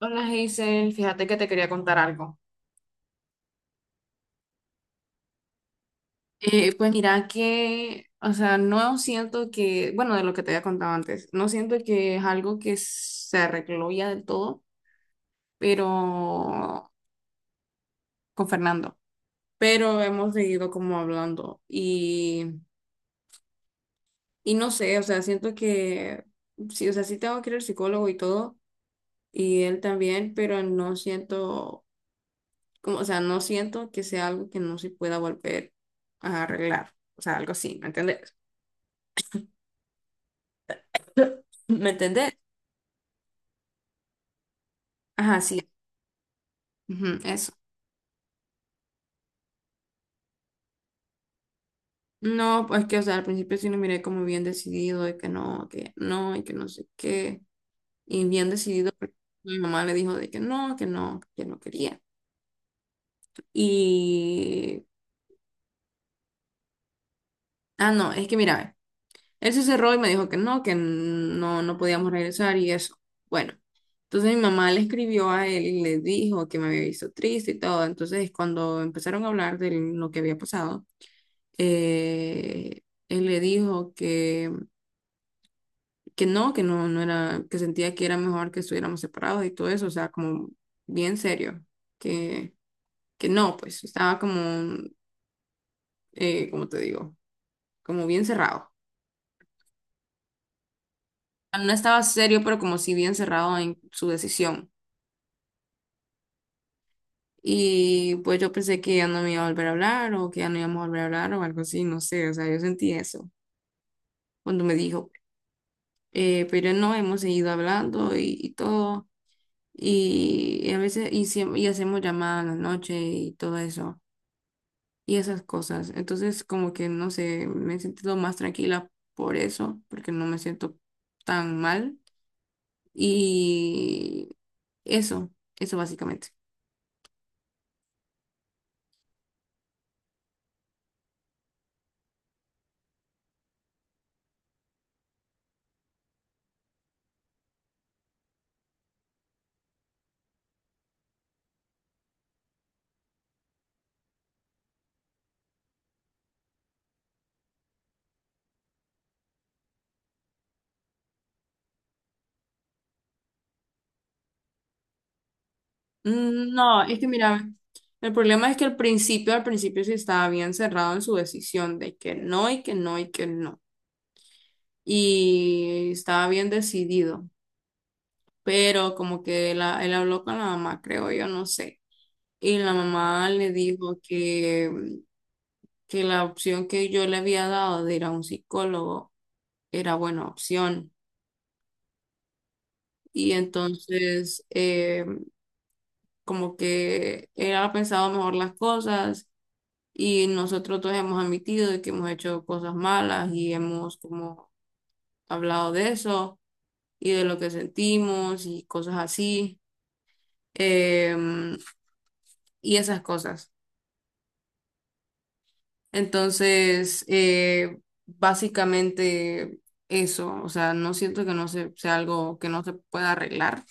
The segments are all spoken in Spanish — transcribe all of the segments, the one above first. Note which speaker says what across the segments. Speaker 1: Hola Hazel, fíjate que te quería contar algo. Pues mira que, o sea, no siento que, bueno, de lo que te había contado antes, no siento que es algo que se arregló ya del todo, pero con Fernando, pero hemos seguido como hablando y no sé, o sea, siento que, sí, o sea, sí tengo que ir al psicólogo y todo, y él también, pero no siento, como, o sea, no siento que sea algo que no se pueda volver a arreglar, o sea, algo así, ¿me entiendes? ¿Me entendés? Ajá, sí. Ujú, eso. No, pues que, o sea, al principio sí lo miré como bien decidido de que no, y que no sé qué. Y bien decidido, porque mi mamá le dijo de que no, que no, que no quería. Y, ah, no, es que mira, ve, él se cerró y me dijo que no, no podíamos regresar y eso. Bueno, entonces mi mamá le escribió a él y le dijo que me había visto triste y todo. Entonces, cuando empezaron a hablar de lo que había pasado, eh, él le dijo que no, no era, que sentía que era mejor que estuviéramos separados y todo eso, o sea, como bien serio, que, que no, pues estaba como, como te digo, como bien cerrado. Bueno, no estaba serio, pero como si bien cerrado en su decisión. Y pues yo pensé que ya no me iba a volver a hablar o que ya no íbamos a volver a hablar o algo así, no sé, o sea, yo sentí eso cuando me dijo, pero no, hemos seguido hablando y todo. Y a veces, y, y hacemos llamadas en la noche y todo eso, y esas cosas. Entonces, como que no sé, me he sentido más tranquila por eso, porque no me siento tan mal. Y eso, eso básicamente. Mm, no, es que mira, el problema es que al principio sí estaba bien cerrado en su decisión de que no y que no y que no. Y estaba bien decidido, pero como que él habló con la mamá, creo yo, no sé. Y la mamá le dijo que la opción que yo le había dado de ir a un psicólogo era buena opción. Y entonces, como que él ha pensado mejor las cosas y nosotros todos hemos admitido de que hemos hecho cosas malas y hemos como hablado de eso y de lo que sentimos y cosas así, em, y esas cosas. Entonces, básicamente eso, o sea, no siento que no se, sea algo que no se pueda arreglar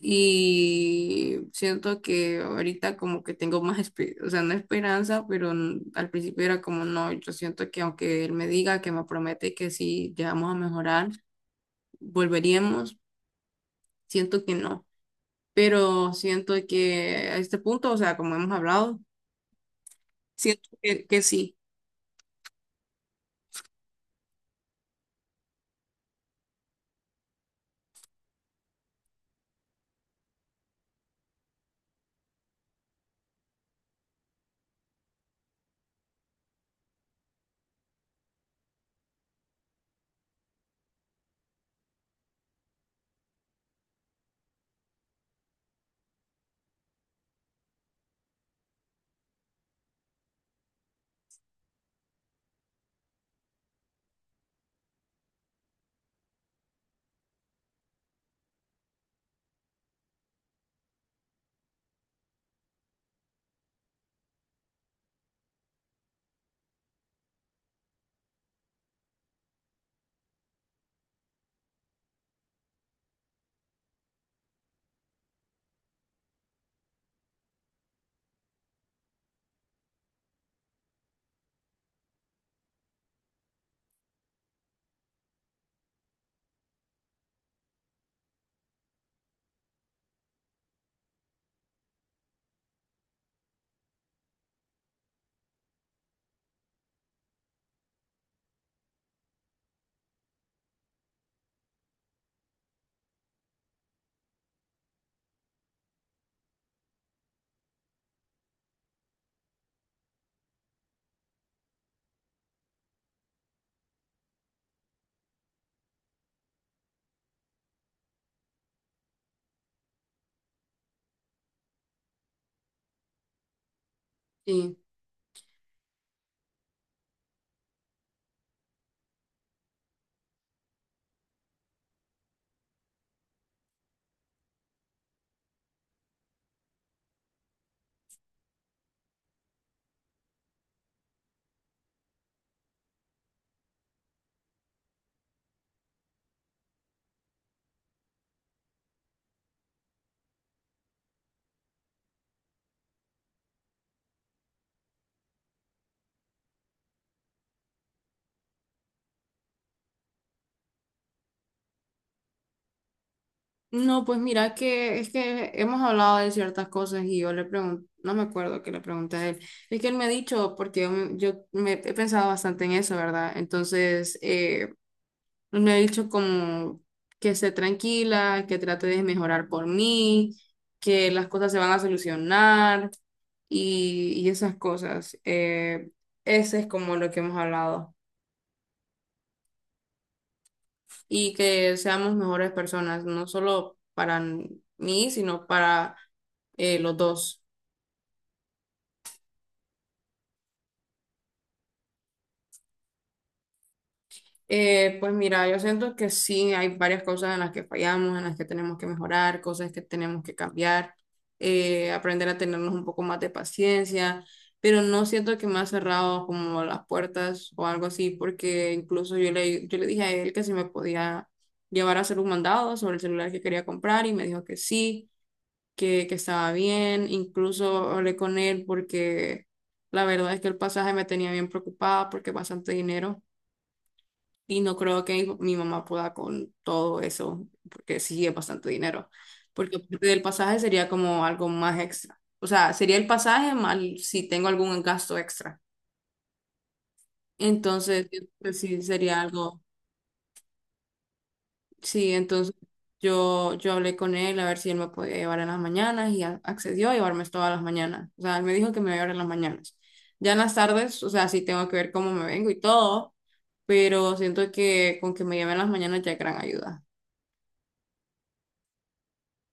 Speaker 1: y siento que ahorita como que tengo más, o sea, no esperanza, pero al principio era como no, yo siento que aunque él me diga que me promete que si llegamos a mejorar, volveríamos, siento que no, pero siento que a este punto, o sea, como hemos hablado, siento que sí, sí. No, pues mira que es que hemos hablado de ciertas cosas y yo le pregunto, no me acuerdo que le pregunté a él, es que él me ha dicho, porque yo me he pensado bastante en eso, ¿verdad? Entonces, él me ha dicho como que esté tranquila, que trate de mejorar por mí, que las cosas se van a solucionar y esas cosas. Ese es como lo que hemos hablado, y que seamos mejores personas, no solo para mí, sino para los dos. Pues mira, yo siento que sí, hay varias cosas en las que fallamos, en las que tenemos que mejorar, cosas que tenemos que cambiar, aprender a tenernos un poco más de paciencia, pero no siento que me ha cerrado como las puertas o algo así, porque yo le dije a él que si me podía llevar a hacer un mandado sobre el celular que quería comprar y me dijo que sí, que estaba bien. Incluso hablé con él porque la verdad es que el pasaje me tenía bien preocupada porque es bastante dinero y no creo que mi mamá pueda con todo eso porque sí es bastante dinero, porque aparte del pasaje sería como algo más extra, o sea, sería el pasaje más si tengo algún gasto extra, entonces pues sí sería algo. Sí, entonces yo hablé con él a ver si él me podía llevar en las mañanas y accedió a llevarme todas las mañanas. O sea, él me dijo que me iba a llevar en las mañanas. Ya en las tardes, o sea, sí tengo que ver cómo me vengo y todo, pero siento que con que me lleven las mañanas ya es gran ayuda.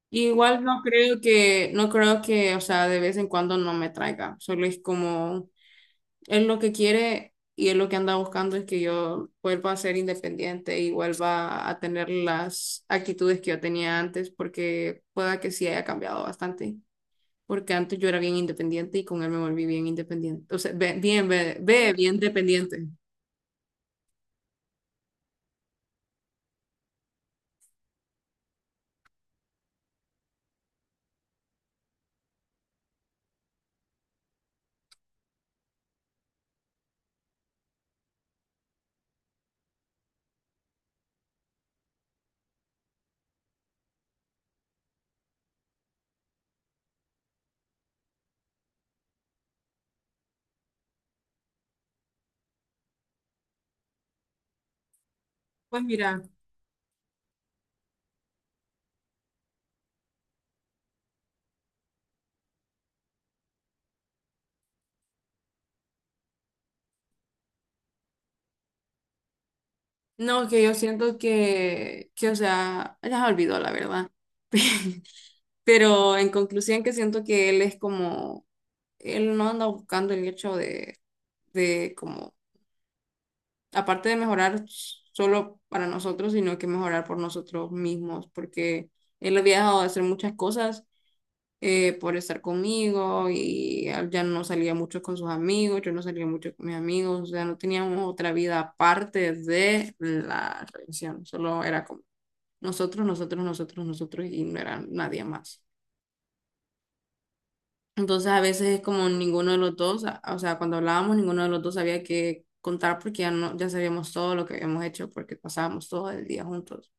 Speaker 1: Igual no creo que, no creo que, o sea, de vez en cuando no me traiga, solo es como... Él lo que quiere y él lo que anda buscando es que yo vuelva a ser independiente y vuelva a tener las actitudes que yo tenía antes, porque pueda que sí haya cambiado bastante, porque antes yo era bien independiente y con él me volví bien independiente, o sea, bien, bien dependiente. Pues mira, no, que yo siento que o sea, ya olvidó la verdad. Pero en conclusión que siento que él es como, él no anda buscando el hecho de como aparte de mejorar solo para nosotros, sino que mejorar por nosotros mismos, porque él había dejado de hacer muchas cosas por estar conmigo y ya no salía mucho con sus amigos, yo no salía mucho con mis amigos, o sea, no teníamos otra vida aparte de la relación, solo era como nosotros y no era nadie más. Entonces a veces es como ninguno de los dos, o sea, cuando hablábamos, ninguno de los dos sabía qué contar porque ya no, ya sabíamos todo lo que habíamos hecho porque pasábamos todo el día juntos.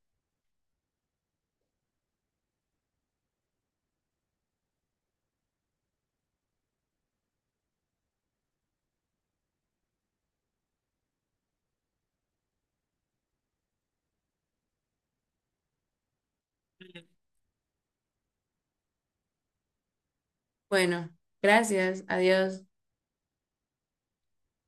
Speaker 1: Bueno, gracias, adiós.